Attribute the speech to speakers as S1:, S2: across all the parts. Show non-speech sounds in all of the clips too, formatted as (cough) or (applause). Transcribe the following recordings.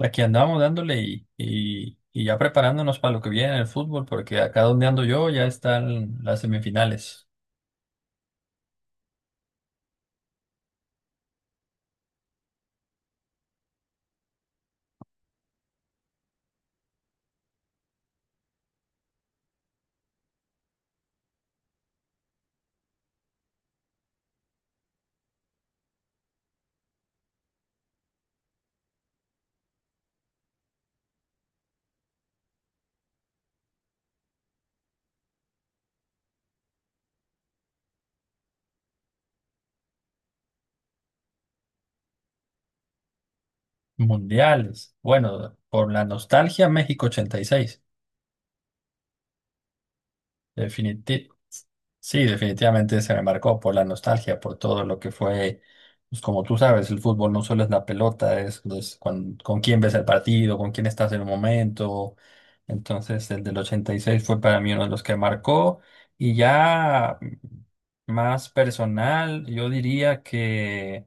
S1: Aquí andamos dándole y ya preparándonos para lo que viene en el fútbol, porque acá donde ando yo ya están las semifinales mundiales. Bueno, por la nostalgia, México 86. Definiti- sí, Definitivamente se me marcó por la nostalgia, por todo lo que fue. Pues como tú sabes, el fútbol no solo es la pelota, es con quién ves el partido, con quién estás en el momento. Entonces, el del 86 fue para mí uno de los que marcó. Y ya. Más personal, yo diría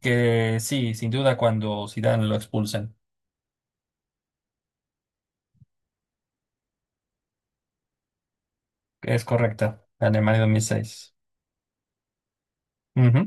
S1: que sí, sin duda cuando Zidane lo expulsan. Es correcta, la Alemania 2006. Ujú.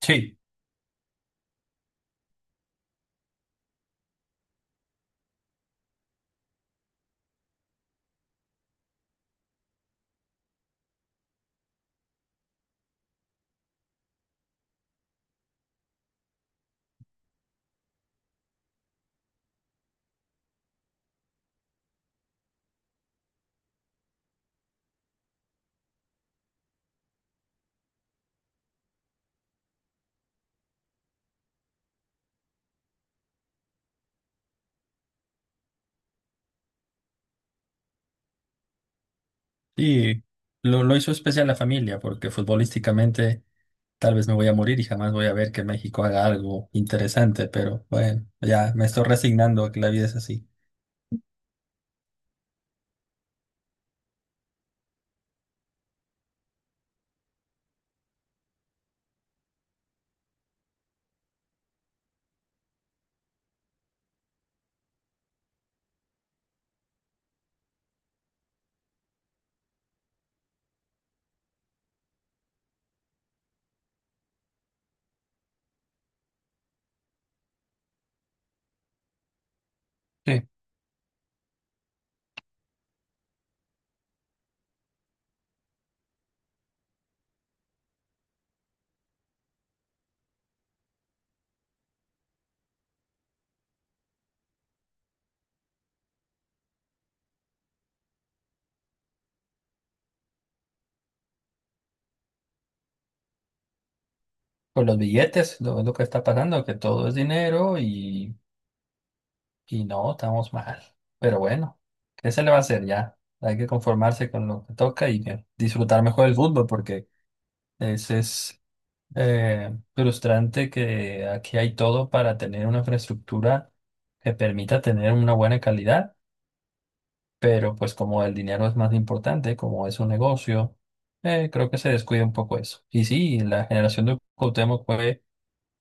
S1: Sí, y lo hizo especial la familia, porque futbolísticamente tal vez me voy a morir y jamás voy a ver que México haga algo interesante, pero bueno, ya me estoy resignando a que la vida es así. Sí, con los billetes, lo que está pasando, que todo es dinero. Y no, estamos mal. Pero bueno, ¿qué se le va a hacer ya? Hay que conformarse con lo que toca y disfrutar mejor el fútbol porque es frustrante que aquí hay todo para tener una infraestructura que permita tener una buena calidad, pero pues como el dinero es más importante, como es un negocio, creo que se descuida un poco eso. Y sí, la generación de Cuauhtémoc fue,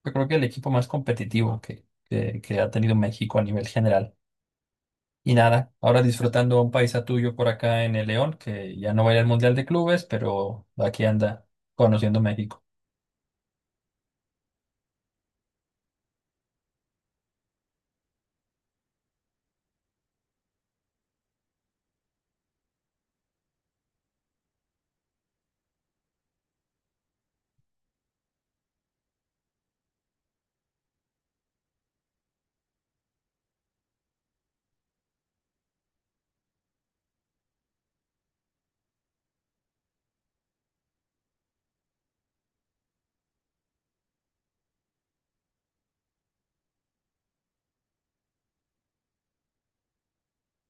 S1: yo creo que el equipo más competitivo que ha tenido México a nivel general. Y nada, ahora disfrutando un paisa tuyo por acá en el León, que ya no va a ir al Mundial de Clubes, pero aquí anda conociendo México.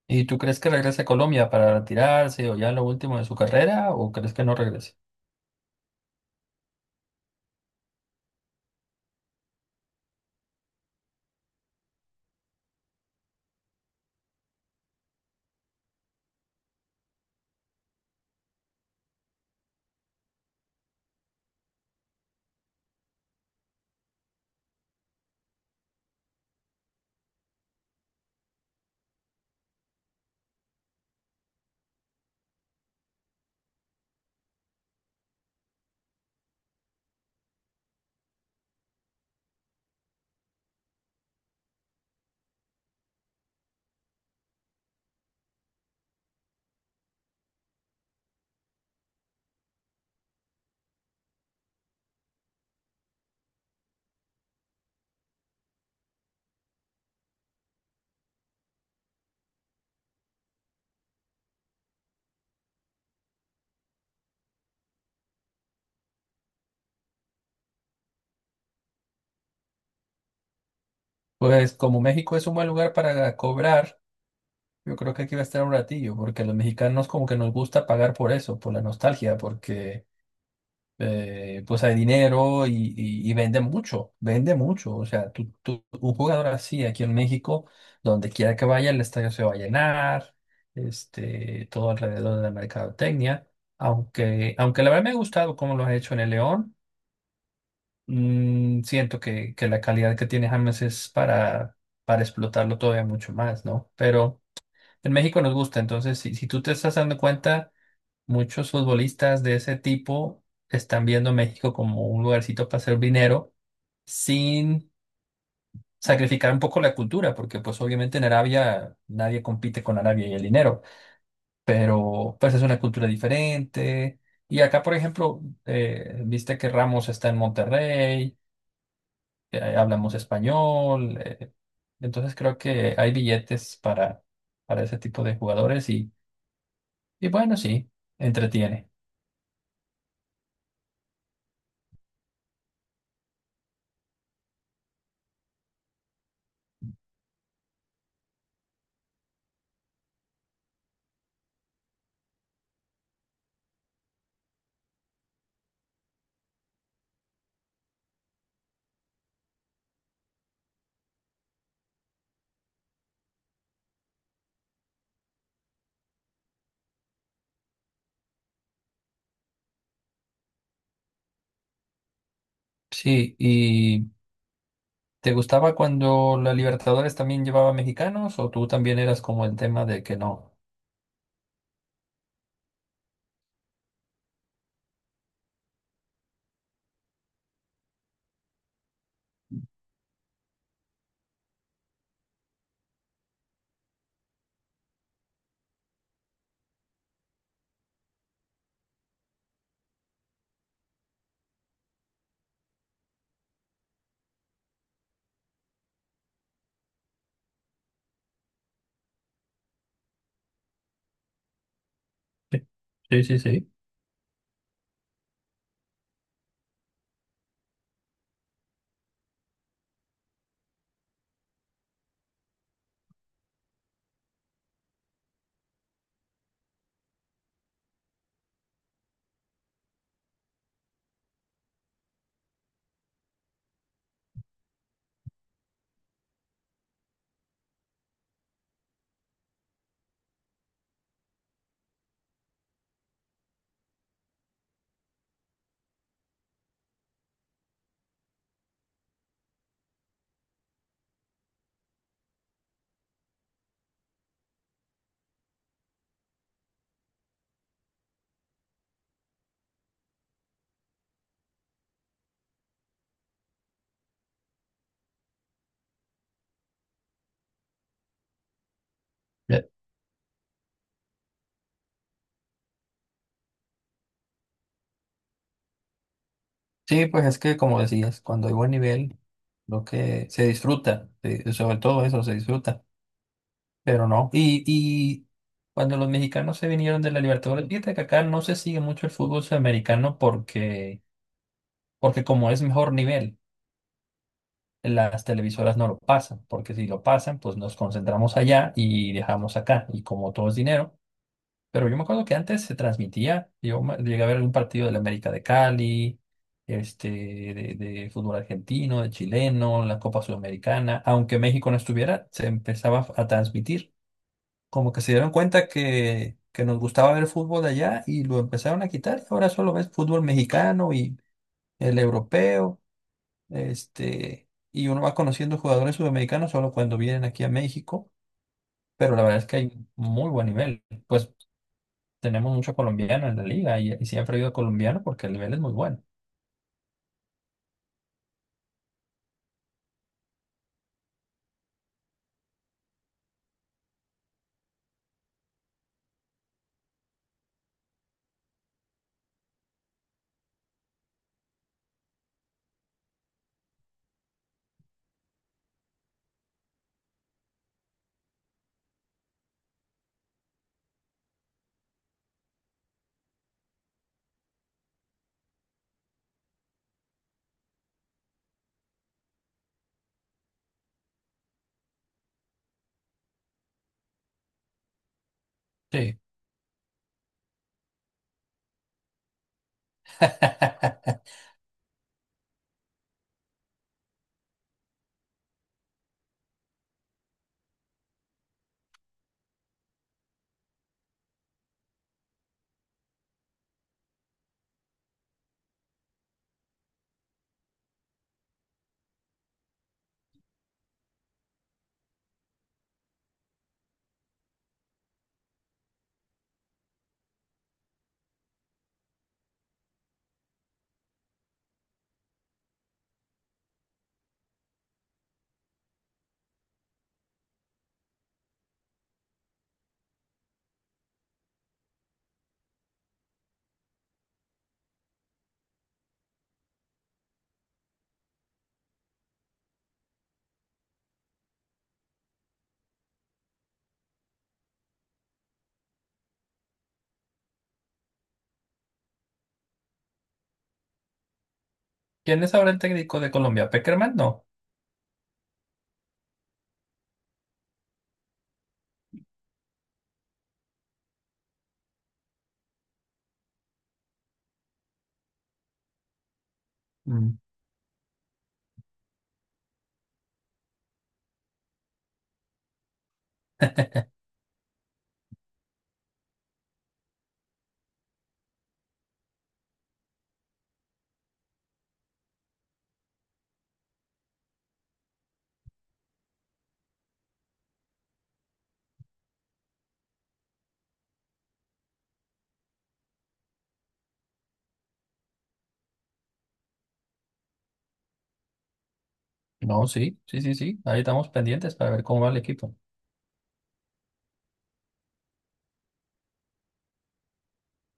S1: ¿Y tú crees que regrese a Colombia para retirarse o ya lo último de su carrera o crees que no regrese? Pues como México es un buen lugar para cobrar, yo creo que aquí va a estar un ratillo, porque a los mexicanos como que nos gusta pagar por eso, por la nostalgia, porque pues hay dinero y vende mucho, vende mucho. O sea, un jugador así aquí en México, donde quiera que vaya, el estadio se va a llenar. Todo alrededor de la mercadotecnia. Aunque la verdad me ha gustado cómo lo has hecho en el León. Mm, siento que la calidad que tiene James es para explotarlo todavía mucho más, ¿no? Pero en México nos gusta. Entonces si tú te estás dando cuenta, muchos futbolistas de ese tipo están viendo a México como un lugarcito para hacer dinero sin sacrificar un poco la cultura, porque pues obviamente en Arabia nadie compite con Arabia y el dinero, pero pues es una cultura diferente. Y acá, por ejemplo, viste que Ramos está en Monterrey, hablamos español, entonces creo que hay billetes para ese tipo de jugadores y bueno, sí, entretiene. Sí, y ¿te gustaba cuando la Libertadores también llevaba mexicanos o tú también eras como el tema de que no? Sí, sí, sí, sí. Ya. Sí, pues es que como decías, cuando hay buen nivel, lo que se disfruta, sobre todo eso se disfruta, pero no. Y cuando los mexicanos se vinieron de la Libertadores, fíjate que acá no se sigue mucho el fútbol sudamericano porque, porque como es mejor nivel, las televisoras no lo pasan, porque si lo pasan, pues nos concentramos allá y dejamos acá, y como todo es dinero. Pero yo me acuerdo que antes se transmitía, llegué a ver algún partido de la América de Cali, de fútbol argentino, de chileno, la Copa Sudamericana, aunque México no estuviera, se empezaba a transmitir. Como que se dieron cuenta que nos gustaba ver fútbol allá y lo empezaron a quitar y ahora solo ves fútbol mexicano y el europeo, y uno va conociendo jugadores sudamericanos solo cuando vienen aquí a México, pero la verdad es que hay muy buen nivel. Pues tenemos muchos colombianos en la liga y siempre ha habido colombianos porque el nivel es muy bueno. Sí. (laughs) ¿Quién es ahora el técnico de Colombia? ¿Peckerman? No. Mm. No, sí, sí, sí, sí. Ahí estamos pendientes para ver cómo va el equipo.